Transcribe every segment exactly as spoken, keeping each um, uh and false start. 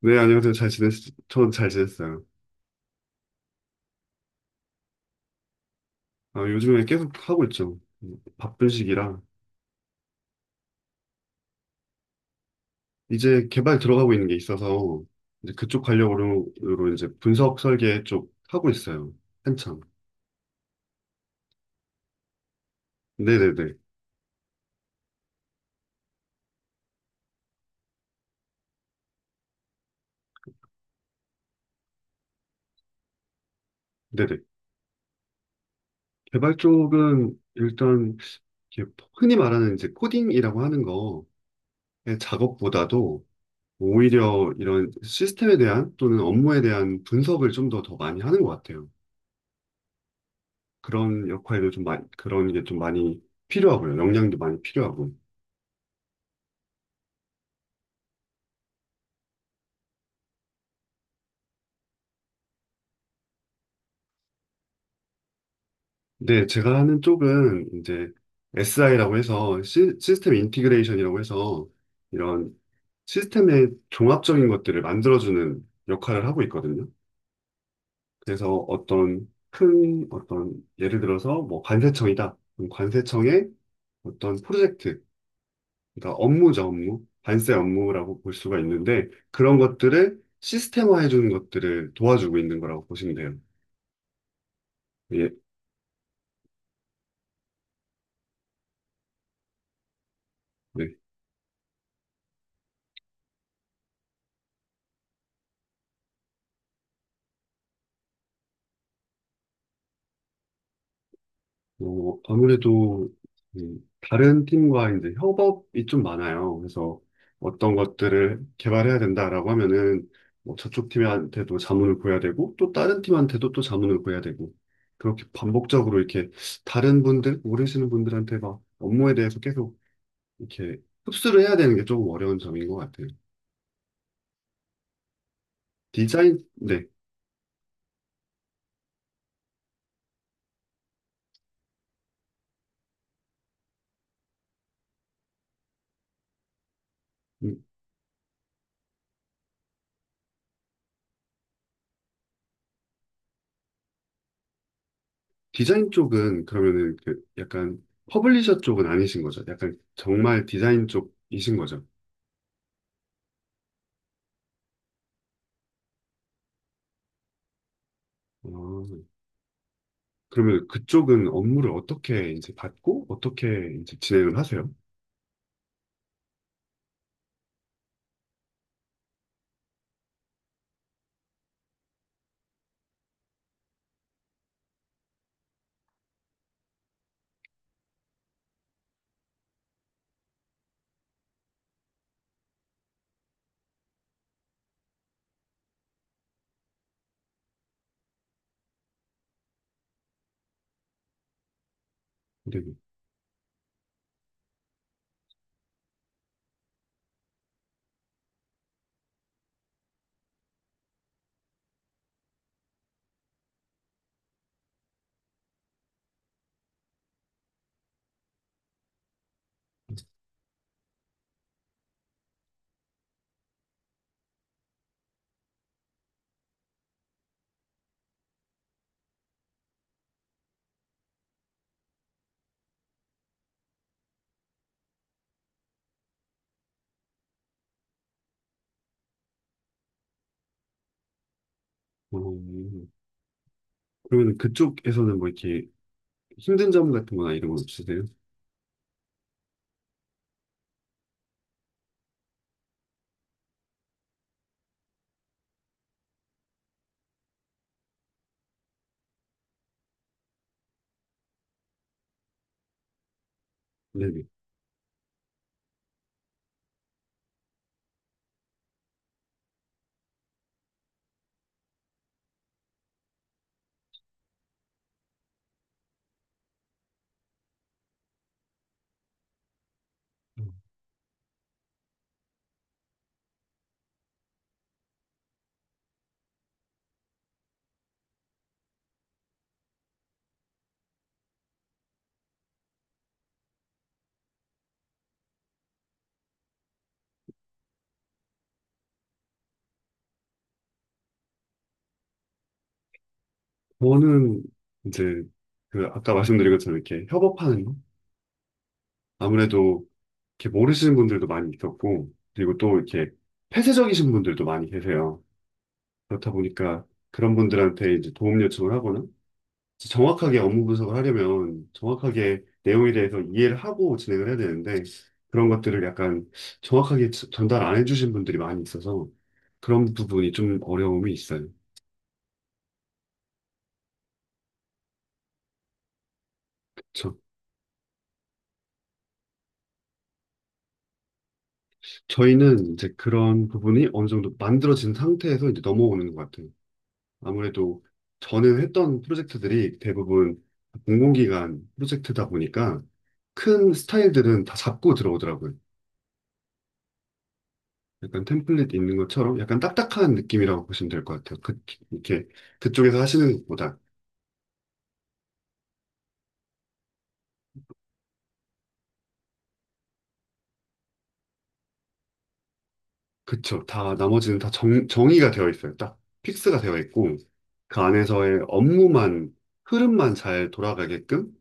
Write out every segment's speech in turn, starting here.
네, 안녕하세요. 잘 지냈, 전 잘 지냈어요. 아, 요즘에 계속 하고 있죠. 바쁜 시기라. 이제 개발 들어가고 있는 게 있어서, 이제 그쪽 관련으로 으로 이제 분석 설계 쪽 하고 있어요. 한참. 네네네. 네네. 개발 쪽은 일단, 이렇게 흔히 말하는 이제 코딩이라고 하는 거의 작업보다도 오히려 이런 시스템에 대한 또는 업무에 대한 분석을 좀 더 더 많이 하는 것 같아요. 그런 역할도 좀 많이, 그런 게 좀 많이 필요하고요. 역량도 많이 필요하고. 근데 제가 하는 쪽은 이제 에스아이라고 해서 시, 스템 인티그레이션이라고 해서 이런 시스템의 종합적인 것들을 만들어주는 역할을 하고 있거든요. 그래서 어떤 큰 어떤 예를 들어서 뭐 관세청이다. 그럼 관세청의 어떤 프로젝트, 그러니까 업무죠, 업무. 관세 업무라고 볼 수가 있는데 그런 것들을 시스템화해 주는 것들을 도와주고 있는 거라고 보시면 돼요. 예, 네. 뭐, 아무래도 음, 다른 팀과 이제 협업이 좀 많아요. 그래서 어떤 것들을 개발해야 된다라고 하면은 뭐 저쪽 팀한테도 자문을 구해야 되고 또 다른 팀한테도 또 자문을 구해야 되고 그렇게 반복적으로 이렇게 다른 분들, 모르시는 분들한테 막 업무에 대해서 계속 이렇게 흡수를 해야 되는 게 조금 어려운 점인 것 같아요. 디자인, 네. 디자인 쪽은 그러면은 그 약간 퍼블리셔 쪽은 아니신 거죠? 약간 정말 디자인 쪽이신 거죠? 아, 그러면 그쪽은 업무를 어떻게 이제 받고 어떻게 이제 진행을 하세요? 네. 어, 그러면 그쪽에서는 뭐 이렇게 힘든 점 같은 거나 이런 건 없으세요? 네네. 저는 이제 그 아까 말씀드린 것처럼 이렇게 협업하는 거? 아무래도 이렇게 모르시는 분들도 많이 있었고, 그리고 또 이렇게 폐쇄적이신 분들도 많이 계세요. 그렇다 보니까 그런 분들한테 이제 도움 요청을 하거나 이제 정확하게 업무 분석을 하려면 정확하게 내용에 대해서 이해를 하고 진행을 해야 되는데 그런 것들을 약간 정확하게 지- 전달 안 해주신 분들이 많이 있어서 그런 부분이 좀 어려움이 있어요. 저, 저희는 이제 그런 부분이 어느 정도 만들어진 상태에서 이제 넘어오는 것 같아요. 아무래도 저는 했던 프로젝트들이 대부분 공공기관 프로젝트다 보니까 큰 스타일들은 다 잡고 들어오더라고요. 약간 템플릿 있는 것처럼 약간 딱딱한 느낌이라고 보시면 될 것 같아요. 그, 이렇게 그쪽에서 하시는 것보다 그쵸. 다 나머지는 다 정, 정의가 되어 있어요. 딱 픽스가 되어 있고 그 안에서의 업무만 흐름만 잘 돌아가게끔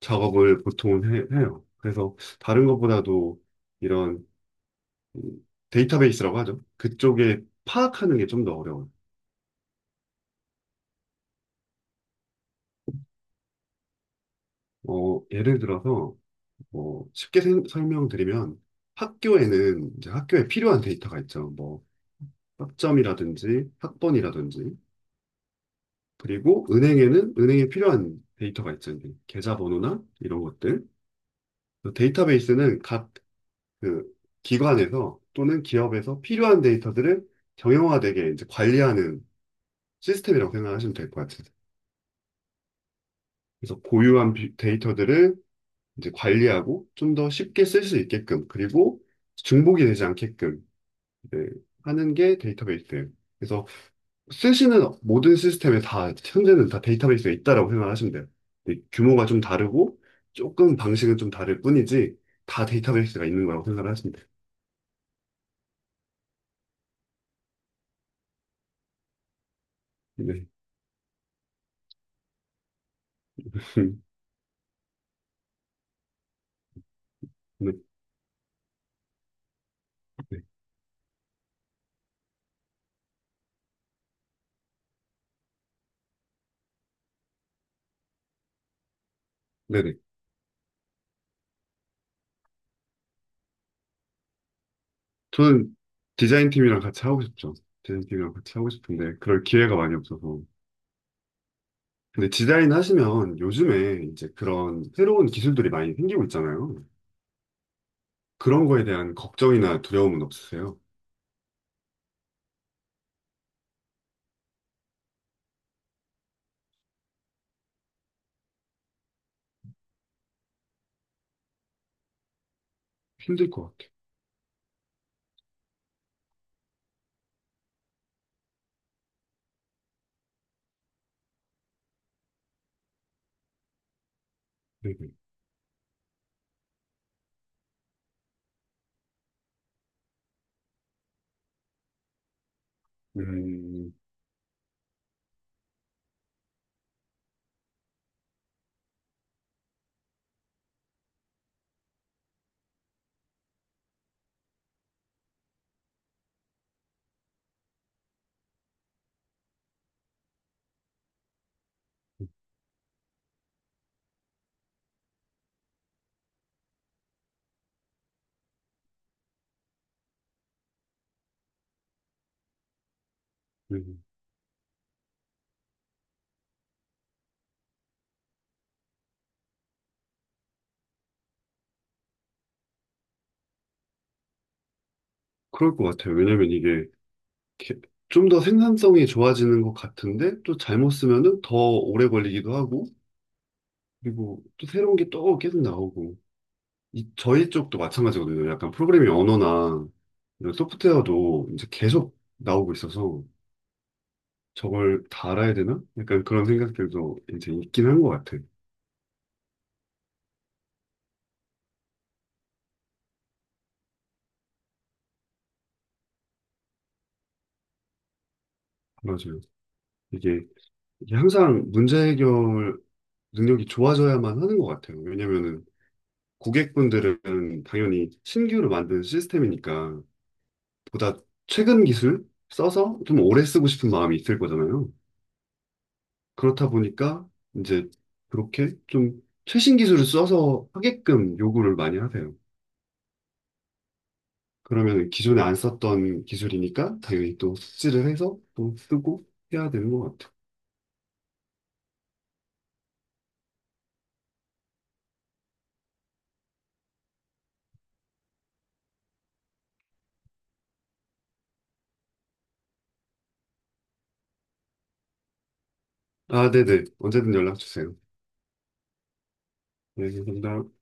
작업을 보통 해, 해요. 그래서 다른 것보다도 이런 음, 데이터베이스라고 하죠. 그쪽에 파악하는 게 좀 더 어려워요. 어, 예를 들어서 뭐 쉽게 생- 설명드리면 학교에는 이제 학교에 필요한 데이터가 있죠. 뭐 학점이라든지 학번이라든지 그리고 은행에는 은행에 필요한 데이터가 있죠. 이제 계좌번호나 이런 것들. 그 데이터베이스는 각 그 기관에서 또는 기업에서 필요한 데이터들을 정형화되게 이제 관리하는 시스템이라고 생각하시면 될 것 같아요. 그래서 고유한 비- 데이터들을 이제 관리하고 좀 더 쉽게 쓸 수 있게끔 그리고 중복이 되지 않게끔 네, 하는 게 데이터베이스. 그래서 쓰시는 모든 시스템에 다 현재는 다 데이터베이스가 있다라고 생각하시면 돼요. 근데 규모가 좀 다르고 조금 방식은 좀 다를 뿐이지 다 데이터베이스가 있는 거라고 생각을 하시면 돼요. 네. 네. 네. 네네. 저는 디자인 팀이랑 같이 하고 싶죠. 디자인 팀이랑 같이 하고 싶은데 그럴 기회가 많이 없어서. 근데 디자인 하시면 요즘에 이제 그런 새로운 기술들이 많이 생기고 있잖아요. 그런 거에 대한 걱정이나 두려움은 없으세요? 힘들 것 같아요. 네 네. 음, 음, 그럴 것 같아요. 왜냐면 이게 좀 더 생산성이 좋아지는 것 같은데 또 잘못 쓰면은 더 오래 걸리기도 하고 그리고 또 새로운 게 또 계속 나오고 이, 저희 쪽도 마찬가지거든요. 약간 프로그래밍 언어나 이런 소프트웨어도 이제 계속 나오고 있어서 저걸 다 알아야 되나? 약간 그런 생각들도 이제 있긴 한 것 같아요. 맞아요. 이게, 이게 항상 문제 해결 능력이 좋아져야만 하는 것 같아요. 왜냐면은 고객분들은 당연히 신규로 만든 시스템이니까 보다 최근 기술 써서 좀 오래 쓰고 싶은 마음이 있을 거잖아요. 그렇다 보니까 이제 그렇게 좀 최신 기술을 써서 하게끔 요구를 많이 하세요. 그러면 기존에 안 썼던 기술이니까 당연히 또 숙지를 해서 또 쓰고 해야 되는 것 같아요. 아, 네네. 언제든 연락 주세요. 네, 감사합니다.